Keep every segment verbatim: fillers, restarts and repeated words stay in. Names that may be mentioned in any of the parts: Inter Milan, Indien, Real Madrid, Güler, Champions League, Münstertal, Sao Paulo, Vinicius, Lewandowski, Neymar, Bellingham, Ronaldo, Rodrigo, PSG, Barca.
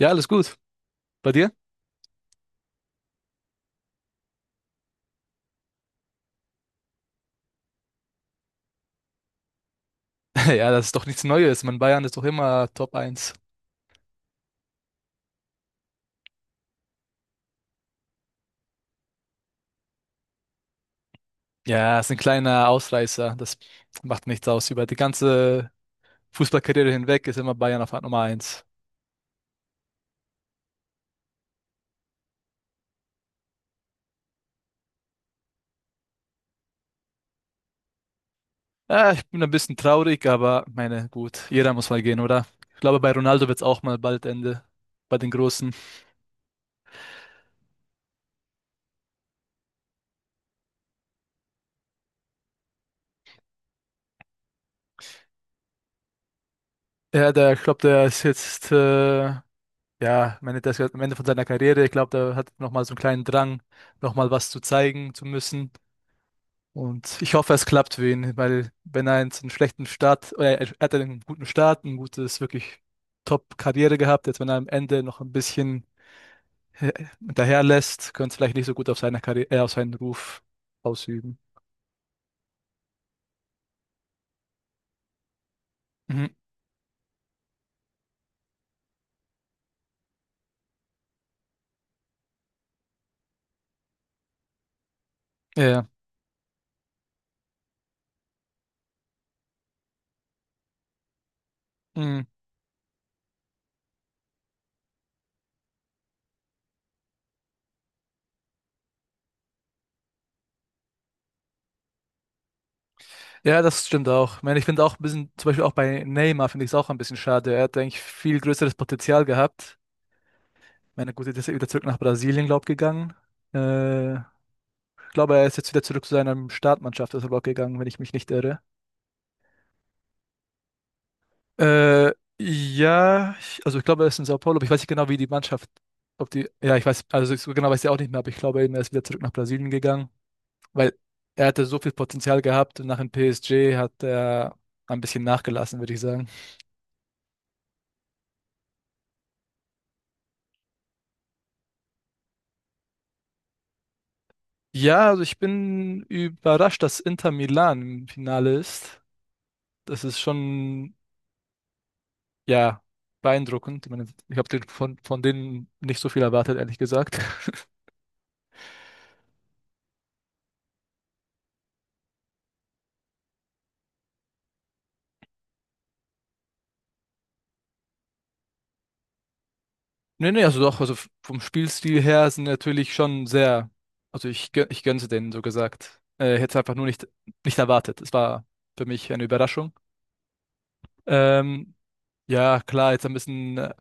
Ja, alles gut. Bei dir? Ja, das ist doch nichts Neues. Man, Bayern ist doch immer Top eins. Ja, ist ein kleiner Ausreißer. Das macht nichts aus. Über die ganze Fußballkarriere hinweg ist immer Bayern auf Nummer eins. Ja, ich bin ein bisschen traurig, aber meine, gut, jeder muss mal gehen, oder? Ich glaube, bei Ronaldo wird es auch mal bald Ende. Bei den Großen. Ja, der, ich glaube, der ist jetzt, äh, ja, meine, der ist jetzt am Ende von seiner Karriere. Ich glaube, der hat nochmal so einen kleinen Drang, nochmal was zu zeigen zu müssen. Und ich hoffe, es klappt für ihn, weil wenn er jetzt einen schlechten Start, oder er er hat einen guten Start, ein gutes, wirklich Top-Karriere gehabt, jetzt wenn er am Ende noch ein bisschen äh, hinterherlässt, könnte es vielleicht nicht so gut auf seine Karriere, äh, auf seinen Ruf ausüben. Mhm. Ja, ja. Mhm. Ja, das stimmt auch. Ich meine, ich finde auch ein bisschen, zum Beispiel auch bei Neymar finde ich es auch ein bisschen schade. Er hat eigentlich viel größeres Potenzial gehabt. Ich meine, gut, jetzt ist er wieder zurück nach Brasilien, glaube ich, gegangen. Äh, ich glaube, er ist jetzt wieder zurück zu seiner Startmannschaft, ist aber auch gegangen, wenn ich mich nicht irre. Äh, ja, ich, also ich glaube, er ist in Sao Paulo, aber ich weiß nicht genau, wie die Mannschaft, ob die, ja, ich weiß, also so genau weiß ich auch nicht mehr, aber ich glaube, er ist wieder zurück nach Brasilien gegangen, weil er hatte so viel Potenzial gehabt und nach dem P S G hat er ein bisschen nachgelassen, würde ich sagen. Ja, also ich bin überrascht, dass Inter Milan im Finale ist. Das ist schon, ja, beeindruckend. Ich meine, ich habe von, von denen nicht so viel erwartet, ehrlich gesagt. Nee, nee, also doch, also f- vom Spielstil her sind natürlich schon sehr, also ich, gö- ich gönn's denen, so gesagt. Äh, hätte einfach nur nicht, nicht erwartet. Es war für mich eine Überraschung. Ähm, ja, klar, jetzt ein bisschen, äh,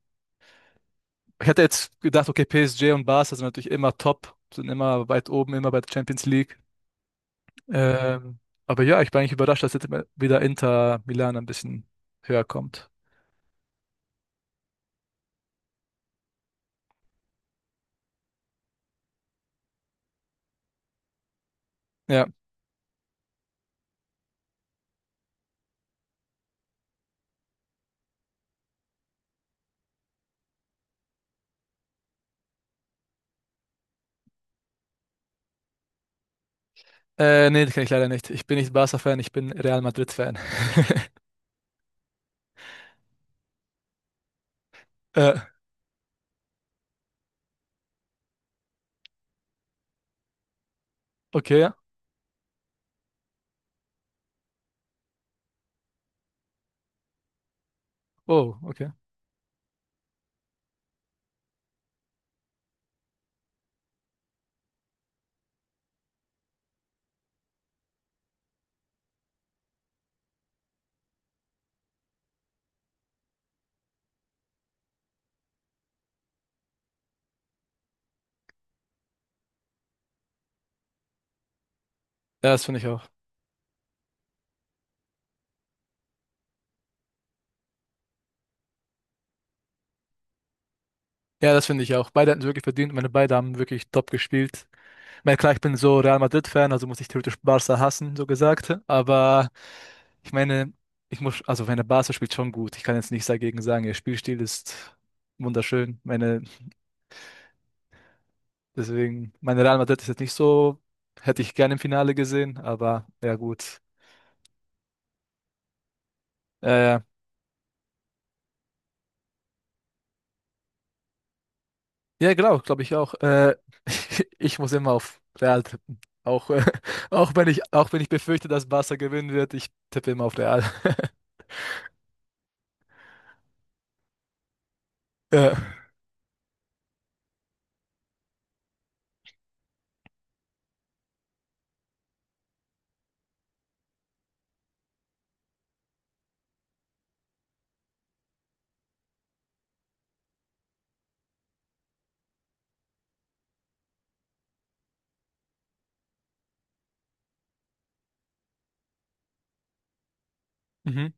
ich hätte jetzt gedacht, okay, P S G und Barca sind natürlich immer top, sind immer weit oben, immer bei der Champions League. Ähm, aber ja, ich bin eigentlich überrascht, dass jetzt wieder Inter Milan ein bisschen höher kommt. Ja, äh, nee, das kann ich leider nicht. Ich bin nicht Barca-Fan, ich bin Real Madrid-Fan. äh, okay, oh, okay. Ja, das finde ich auch. Ja, das finde ich auch. Beide hatten es wirklich verdient. Meine beide haben wirklich top gespielt. Ich meine, klar, ich bin so Real Madrid-Fan, also muss ich theoretisch Barca hassen, so gesagt. Aber ich meine, ich muss, also meine Barca spielt schon gut. Ich kann jetzt nichts dagegen sagen. Ihr Spielstil ist wunderschön. Meine, deswegen, meine Real Madrid ist jetzt nicht so, hätte ich gerne im Finale gesehen, aber ja gut. Ja, ja. Ja, genau, glaube ich auch. Äh, ich muss immer auf Real tippen. Auch, äh, auch wenn ich, auch wenn ich befürchte, dass Barca gewinnen wird, ich tippe immer auf Real. Ja. Mhm.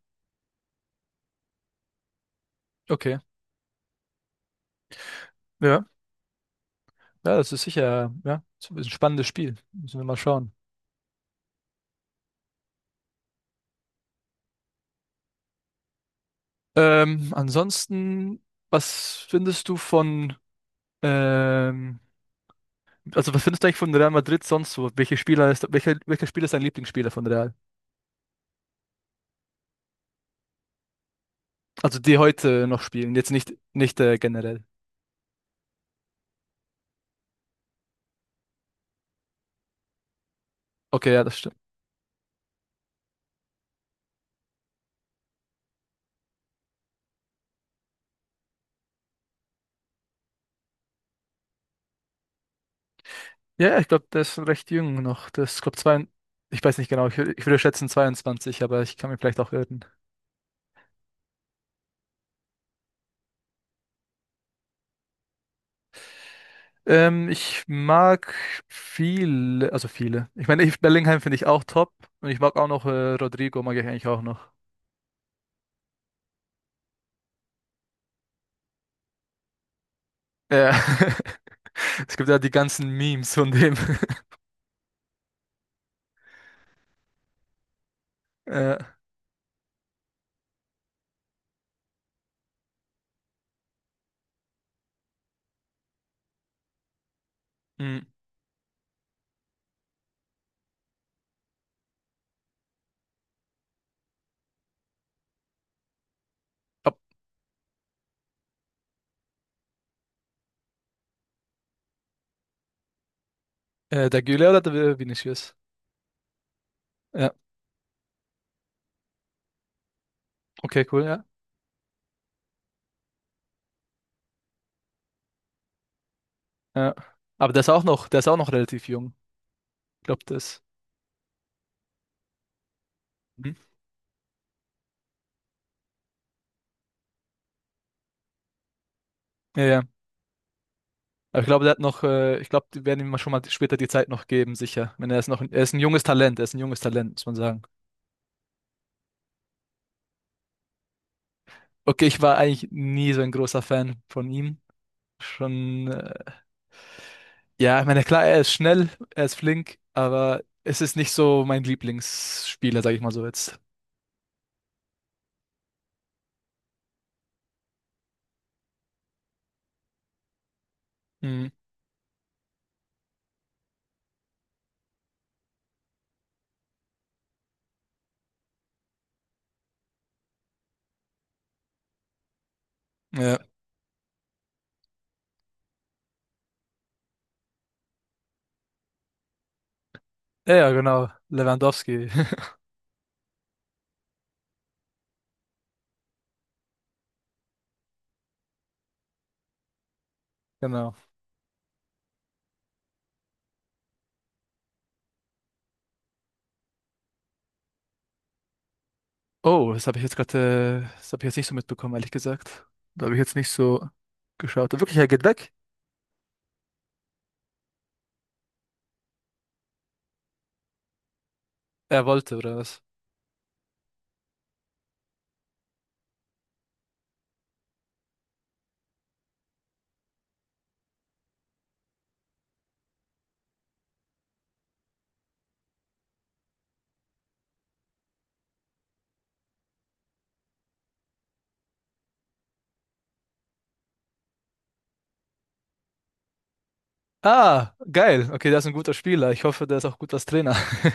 Okay. Ja. Ja, das ist sicher, ja, ist ein spannendes Spiel. Müssen wir mal schauen. Ähm, ansonsten, was findest du von, ähm, also was findest du eigentlich von Real Madrid sonst so? Welche Spieler ist, welcher, welcher Spieler ist dein Lieblingsspieler von Real? Also die heute noch spielen, jetzt nicht, nicht äh, generell. Okay, ja, das stimmt. Ja, ich glaube, der ist recht jung noch. Das ist, glaube zwei, ich weiß nicht genau, ich, wür- ich würde schätzen zweiundzwanzig, aber ich kann mich vielleicht auch irren. Ähm, ich mag viele, also viele. Ich meine, ich, Bellingham finde ich auch top und ich mag auch noch äh, Rodrigo, mag ich eigentlich auch noch. Ja. Es gibt ja die ganzen Memes von dem. Äh, Mh. Ob, äh, der Güler oder der Vinicius? Ja, okay, cool, ja. Ja. Aber der ist auch noch, der ist auch noch relativ jung. Ich glaube, das. Mhm. Ja, ja. Aber ich glaube, der hat noch, äh, ich glaube, die werden ihm mal schon mal später die Zeit noch geben, sicher. Wenn er ist noch, er ist ein junges Talent, er ist ein junges Talent, muss man sagen. Okay, ich war eigentlich nie so ein großer Fan von ihm. Schon, äh, ja, ich meine, klar, er ist schnell, er ist flink, aber es ist nicht so mein Lieblingsspieler, sage ich mal so jetzt. Mhm. Ja. Ja, ja, genau. Lewandowski. Genau. Oh, das habe ich jetzt gerade, äh, das habe ich jetzt nicht so mitbekommen, ehrlich gesagt. Da habe ich jetzt nicht so geschaut. Wirklich, er geht weg? Er wollte, oder was? Ah, geil. Okay, der ist ein guter Spieler. Ich hoffe, der ist auch gut als Trainer.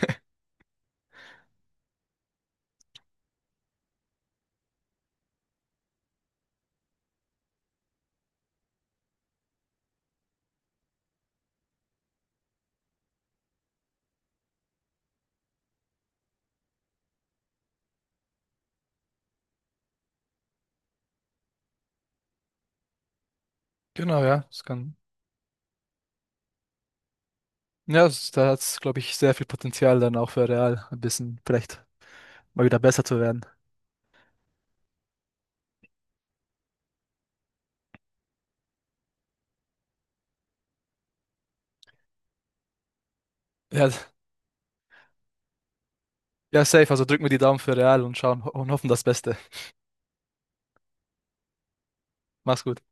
Genau, ja. Das kann. Ja, das, da hat es, glaube ich, sehr viel Potenzial dann auch für Real, ein bisschen vielleicht mal wieder besser zu werden. Ja, ja, safe. Also drück mir die Daumen für Real und schauen und hoffen das Beste. Mach's gut.